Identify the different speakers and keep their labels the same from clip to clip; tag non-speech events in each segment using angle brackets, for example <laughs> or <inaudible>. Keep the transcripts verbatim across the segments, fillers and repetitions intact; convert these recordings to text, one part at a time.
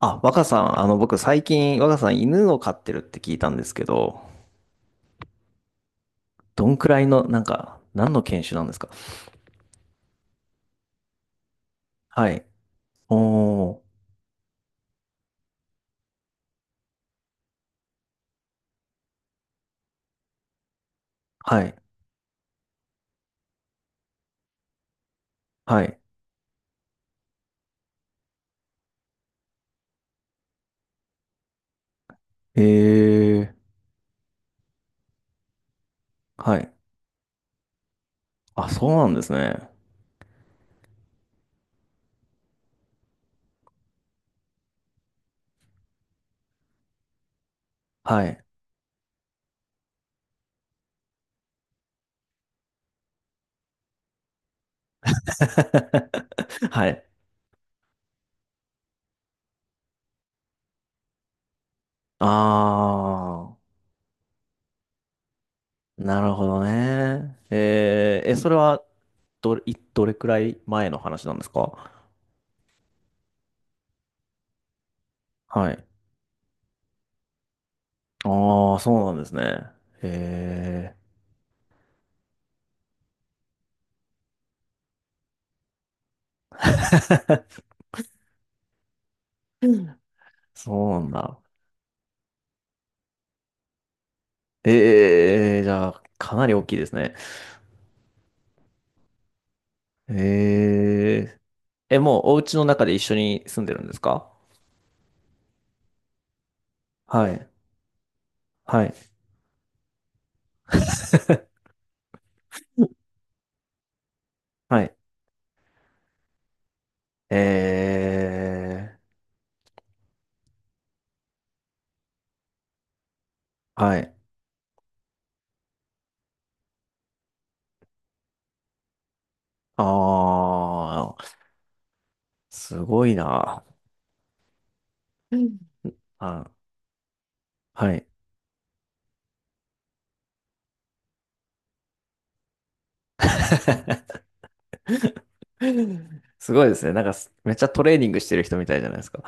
Speaker 1: あ、若さん、あの、僕最近、若さん犬を飼ってるって聞いたんですけど、どんくらいの、なんか、何の犬種なんですか？はい。おー、はい、はい。えー、はい。あ、そうなんですね。はい。<laughs> はい。あー、なるほどね。えー、え、それは、どれ、いどれくらい前の話なんですか？はい。あー、そうなんですね。えー、<laughs> そうなんだ。ええ、じゃあ、かなり大きいですね。えええ、もうお家の中で一緒に住んでるんですか？はい。はい。はい。ええ、はい。ああ、すごいな。あ、はい。<laughs> すごいですね。なんかす、めっちゃトレーニングしてる人みたいじゃないですか。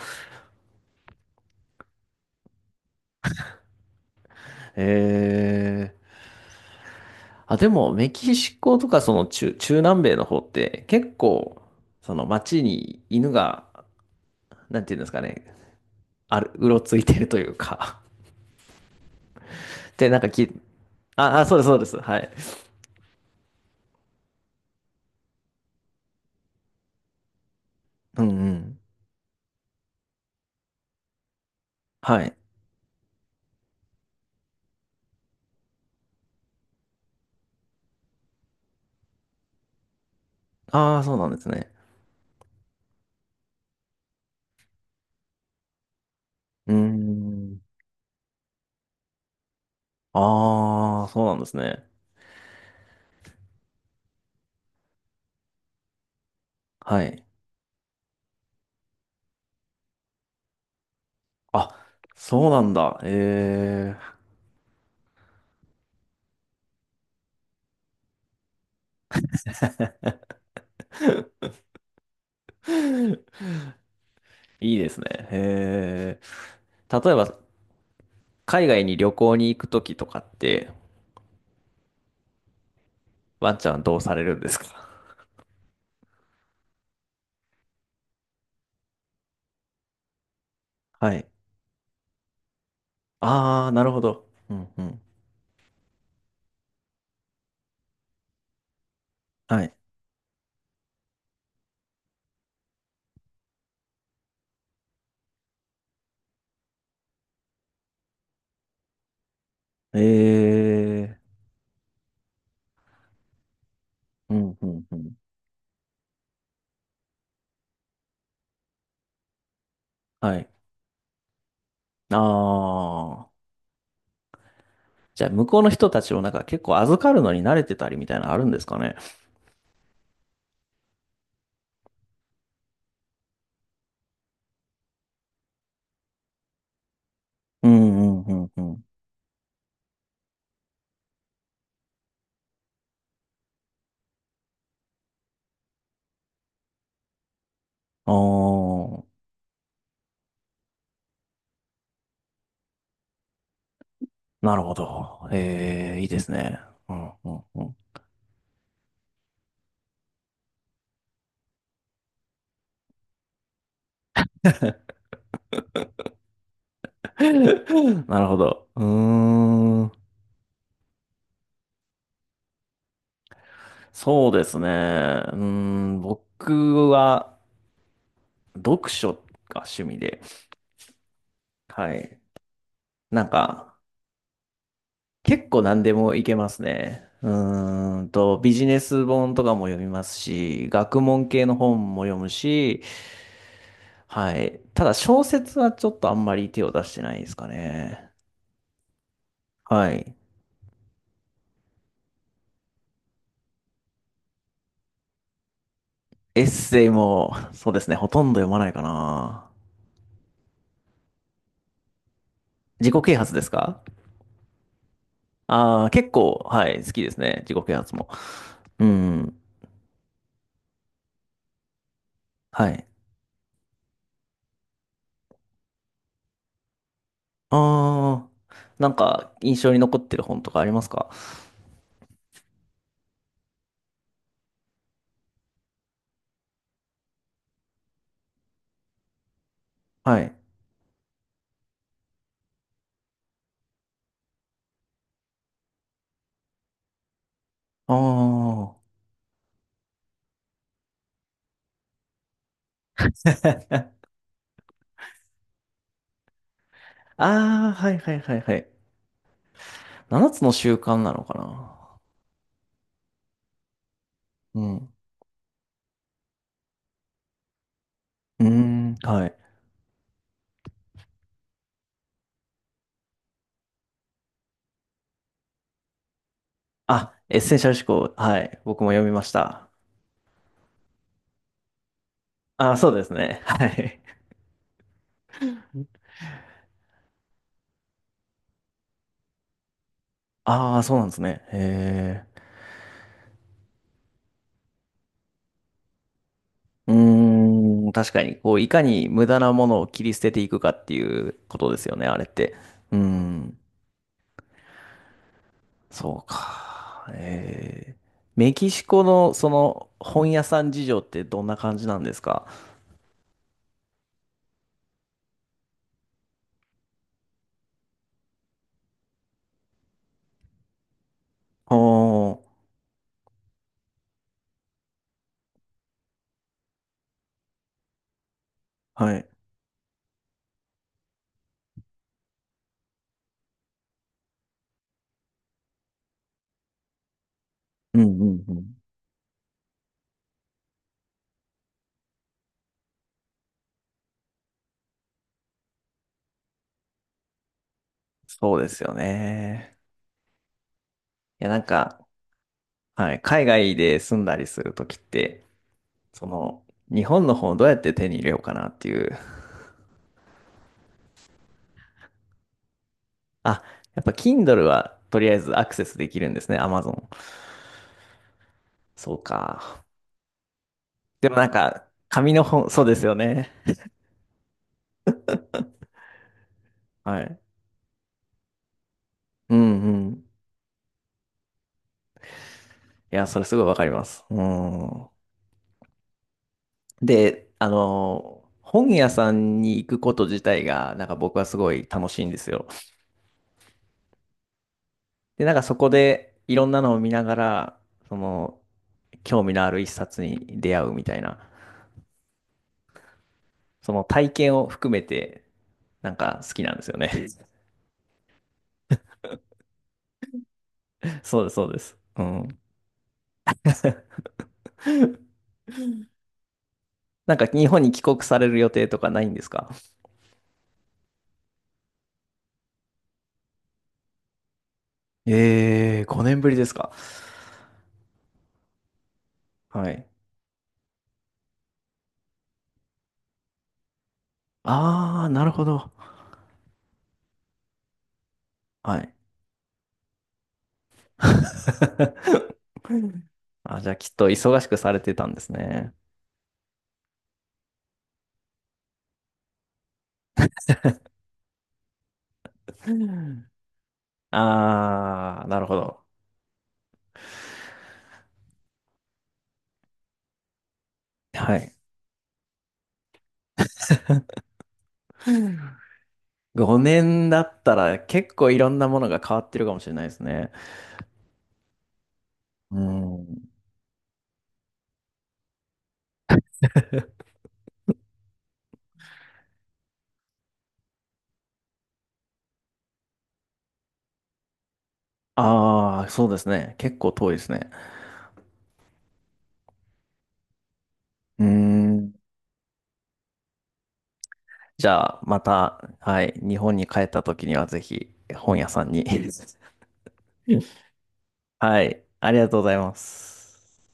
Speaker 1: ええ、あ、でも、メキシコとか、その中、中南米の方って、結構、その街に犬が、なんていうんですかね、ある、うろついてるというか。<laughs> で、なんかき、あ、あ、そうです、そうです。はい。うんうん。はい。ああ、そうなんですね。うーん。ああ、そうなんですね。はい。あ、そうなんだ。ええ。<laughs> いいですね。ええ。例えば、海外に旅行に行くときとかって、ワンちゃんどうされるんですか？はい。ああ、なるほど。うんうん。はい。ええ。うんうんうん。はい。ああ。じゃあ、向こうの人たちをなんか結構預かるのに慣れてたりみたいなのあるんですかね。うんうんうんうん。ああ、なるほど。ええ、いいですね。うんうんうん。<laughs> なるほど。うーん。そうですね。うーん。僕は読書が趣味で。はい。なんか、結構何でもいけますね。うーんと、ビジネス本とかも読みますし、学問系の本も読むし、はい。ただ小説はちょっとあんまり手を出してないですかね。はい。エッセイも、そうですね、ほとんど読まないかな。自己啓発ですか？ああー、結構、はい、好きですね。自己啓発も。うん。はい。ああ、なんか印象に残ってる本とかありますか？はい。ああ。<laughs> ああ、はいはいはいはい。ななつの習慣なのかな？うん。うーん、はい。あ、エッセンシャル思考。はい。僕も読みました。ああ、そうですね。<laughs> はい。ああ、そうなんですね。へえ。うーん、確かに、こう、いかに無駄なものを切り捨てていくかっていうことですよね、あれって。うーん、そうか。ええ。メキシコの、その、本屋さん事情ってどんな感じなんですか？おー、はい。うんうんうん。そうですよね。いや、なんか、はい、海外で住んだりするときって、その、日本の本をどうやって手に入れようかなっていう。あ、やっぱ Kindle はとりあえずアクセスできるんですね、Amazon。そうか。でもなんか、紙の本、そうですよね。はい。うんうん。いや、それすごいわかります。うん。で、あの、本屋さんに行くこと自体が、なんか僕はすごい楽しいんですよ。で、なんかそこでいろんなのを見ながら、その、興味のある一冊に出会うみたいな、その体験を含めて、なんか好きなんですよね。<laughs> そうです、そうです。うん。なんか日本に帰国される予定とかないんですか？ええー、ごねんぶりですか。はい。ああ、なるほど。はい。<laughs> あ、じゃあきっと忙しくされてたんですね。ああ、なるほど。はい。ごねんだったら結構いろんなものが変わってるかもしれないですね。うん。ああ、そうですね。結構遠いですね。うん。じゃあ、また、はい、日本に帰った時にはぜひ本屋さんに <laughs> <laughs> はい。ありがとうございます。